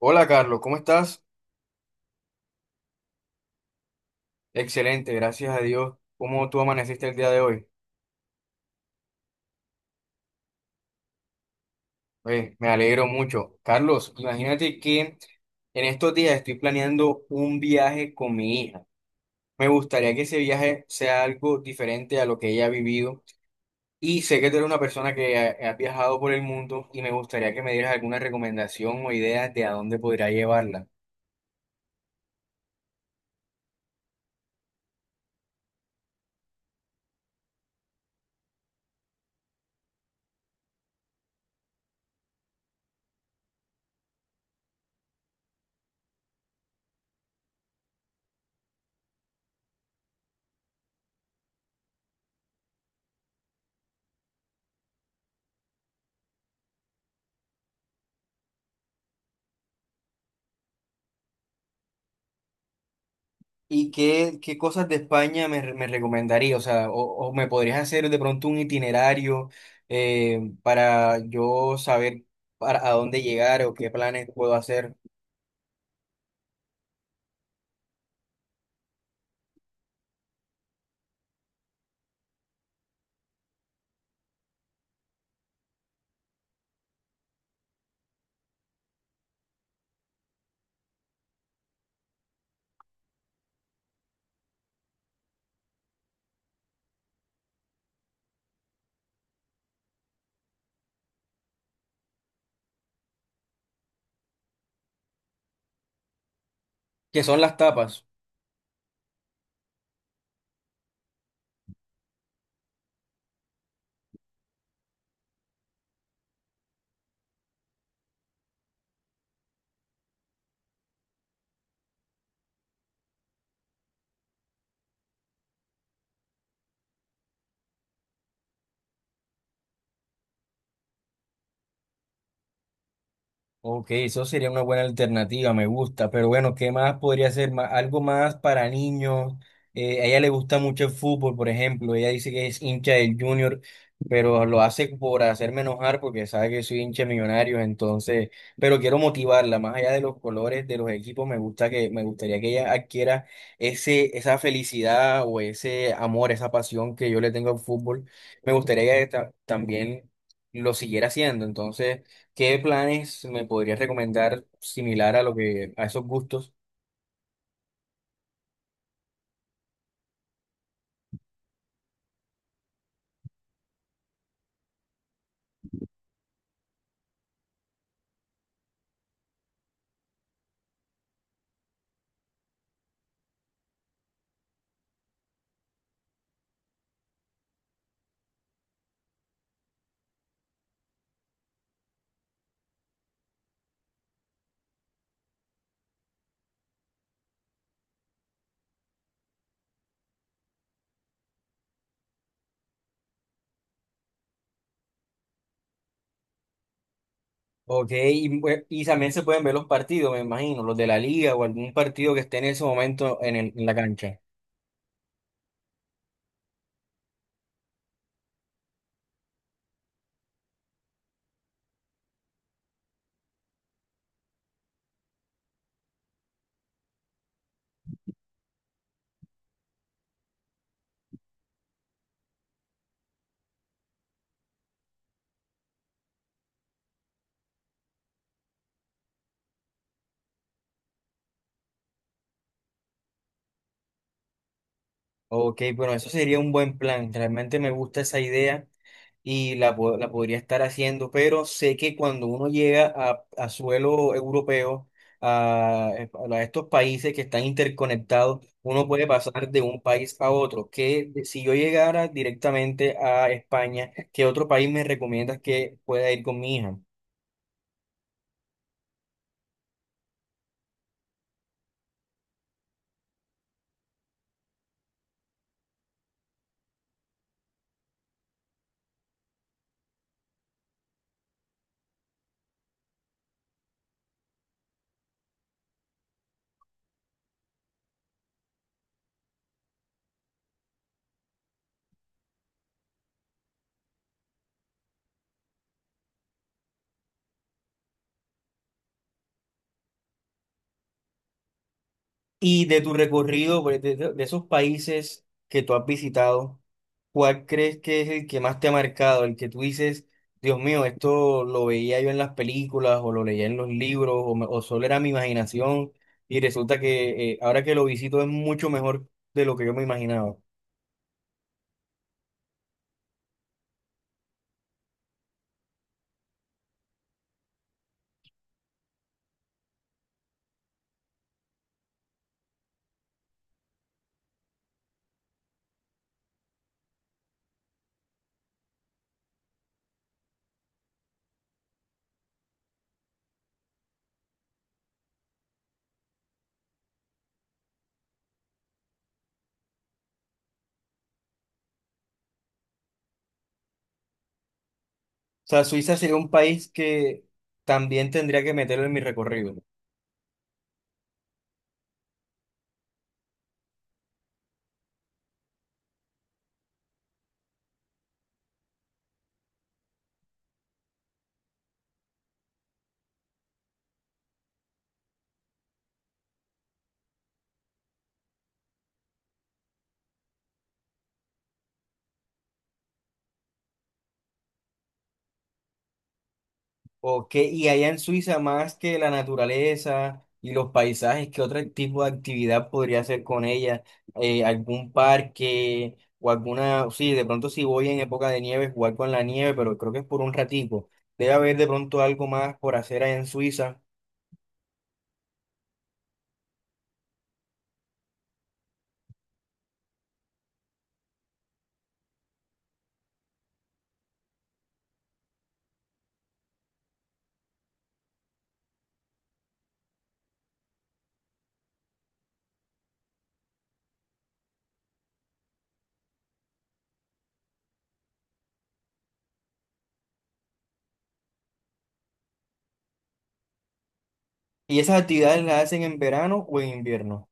Hola Carlos, ¿cómo estás? Excelente, gracias a Dios. ¿Cómo tú amaneciste el día de hoy? Oye, me alegro mucho. Carlos, imagínate que en estos días estoy planeando un viaje con mi hija. Me gustaría que ese viaje sea algo diferente a lo que ella ha vivido. Y sé que tú eres una persona que ha viajado por el mundo y me gustaría que me dieras alguna recomendación o ideas de a dónde podría llevarla. ¿Y qué cosas de España me, me recomendaría? O sea, o me podrías hacer de pronto un itinerario para yo saber para, a dónde llegar o qué planes puedo hacer. ¿Qué son las tapas? Ok, eso sería una buena alternativa, me gusta, pero bueno, ¿qué más podría ser? Algo más para niños. A ella le gusta mucho el fútbol, por ejemplo, ella dice que es hincha del Junior, pero lo hace por hacerme enojar porque sabe que soy hincha de Millonarios, entonces, pero quiero motivarla, más allá de los colores de los equipos, me gusta que, me gustaría que ella adquiera ese, esa felicidad o ese amor, esa pasión que yo le tengo al fútbol. Me gustaría que ella también lo siguiera haciendo, entonces. ¿Qué planes me podrías recomendar similar a lo que a esos gustos? Ok, y, y también se pueden ver los partidos, me imagino, los de la liga o algún partido que esté en ese momento en, en la cancha. Ok, bueno, eso sería un buen plan. Realmente me gusta esa idea. Y la, la podría estar haciendo, pero sé que cuando uno llega a suelo europeo, a estos países que están interconectados, uno puede pasar de un país a otro. Que si yo llegara directamente a España, ¿qué otro país me recomiendas que pueda ir con mi hija? Y de tu recorrido, pues, de, de esos países que tú has visitado, ¿cuál crees que es el que más te ha marcado? El que tú dices, Dios mío, esto lo veía yo en las películas o lo leía en los libros o, o solo era mi imaginación y resulta que ahora que lo visito es mucho mejor de lo que yo me imaginaba. O sea, Suiza sería un país que también tendría que meterlo en mi recorrido. Ok, y allá en Suiza, más que la naturaleza y los paisajes, ¿qué otro tipo de actividad podría hacer con ella? ¿Algún parque o alguna, sí, de pronto si voy en época de nieve, jugar con la nieve, pero creo que es por un ratico. Debe haber de pronto algo más por hacer allá en Suiza. ¿Y esas actividades las hacen en verano o en invierno?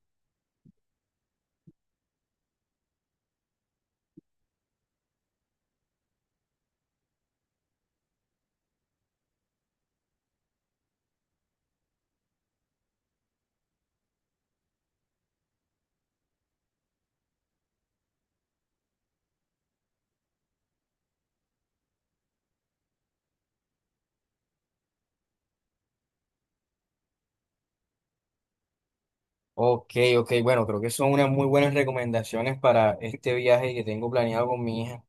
Ok, ok, bueno, creo que son unas muy buenas recomendaciones para este viaje que tengo planeado con mi hija.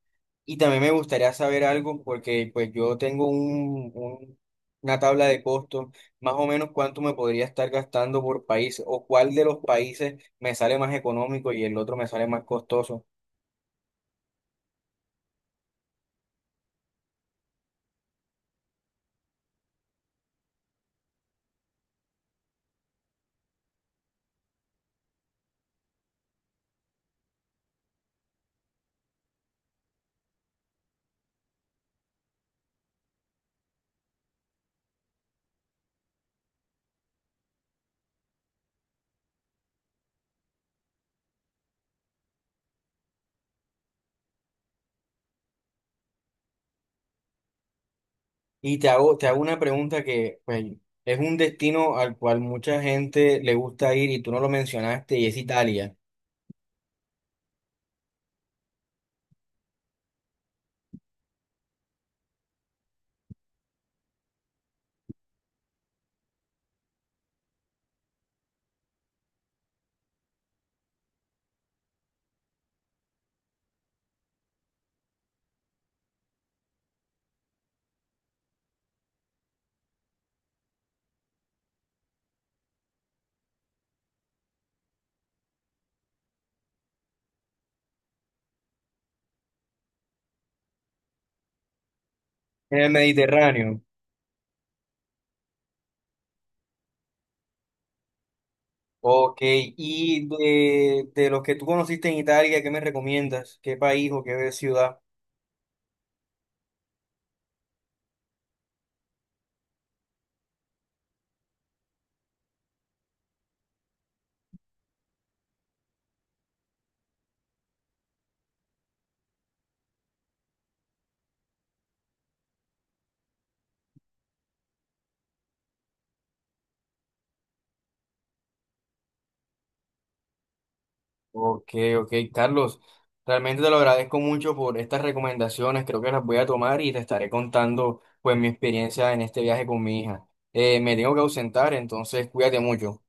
Y también me gustaría saber algo porque pues yo tengo un, una tabla de costos, más o menos cuánto me podría estar gastando por país o cuál de los países me sale más económico y el otro me sale más costoso. Y te hago una pregunta que pues, es un destino al cual mucha gente le gusta ir y tú no lo mencionaste y es Italia, en el Mediterráneo. Ok, y de los que tú conociste en Italia, ¿qué me recomiendas? ¿Qué país o qué ciudad? Ok, ok, Carlos, realmente te lo agradezco mucho por estas recomendaciones, creo que las voy a tomar y te estaré contando pues mi experiencia en este viaje con mi hija. Me tengo que ausentar, entonces cuídate mucho.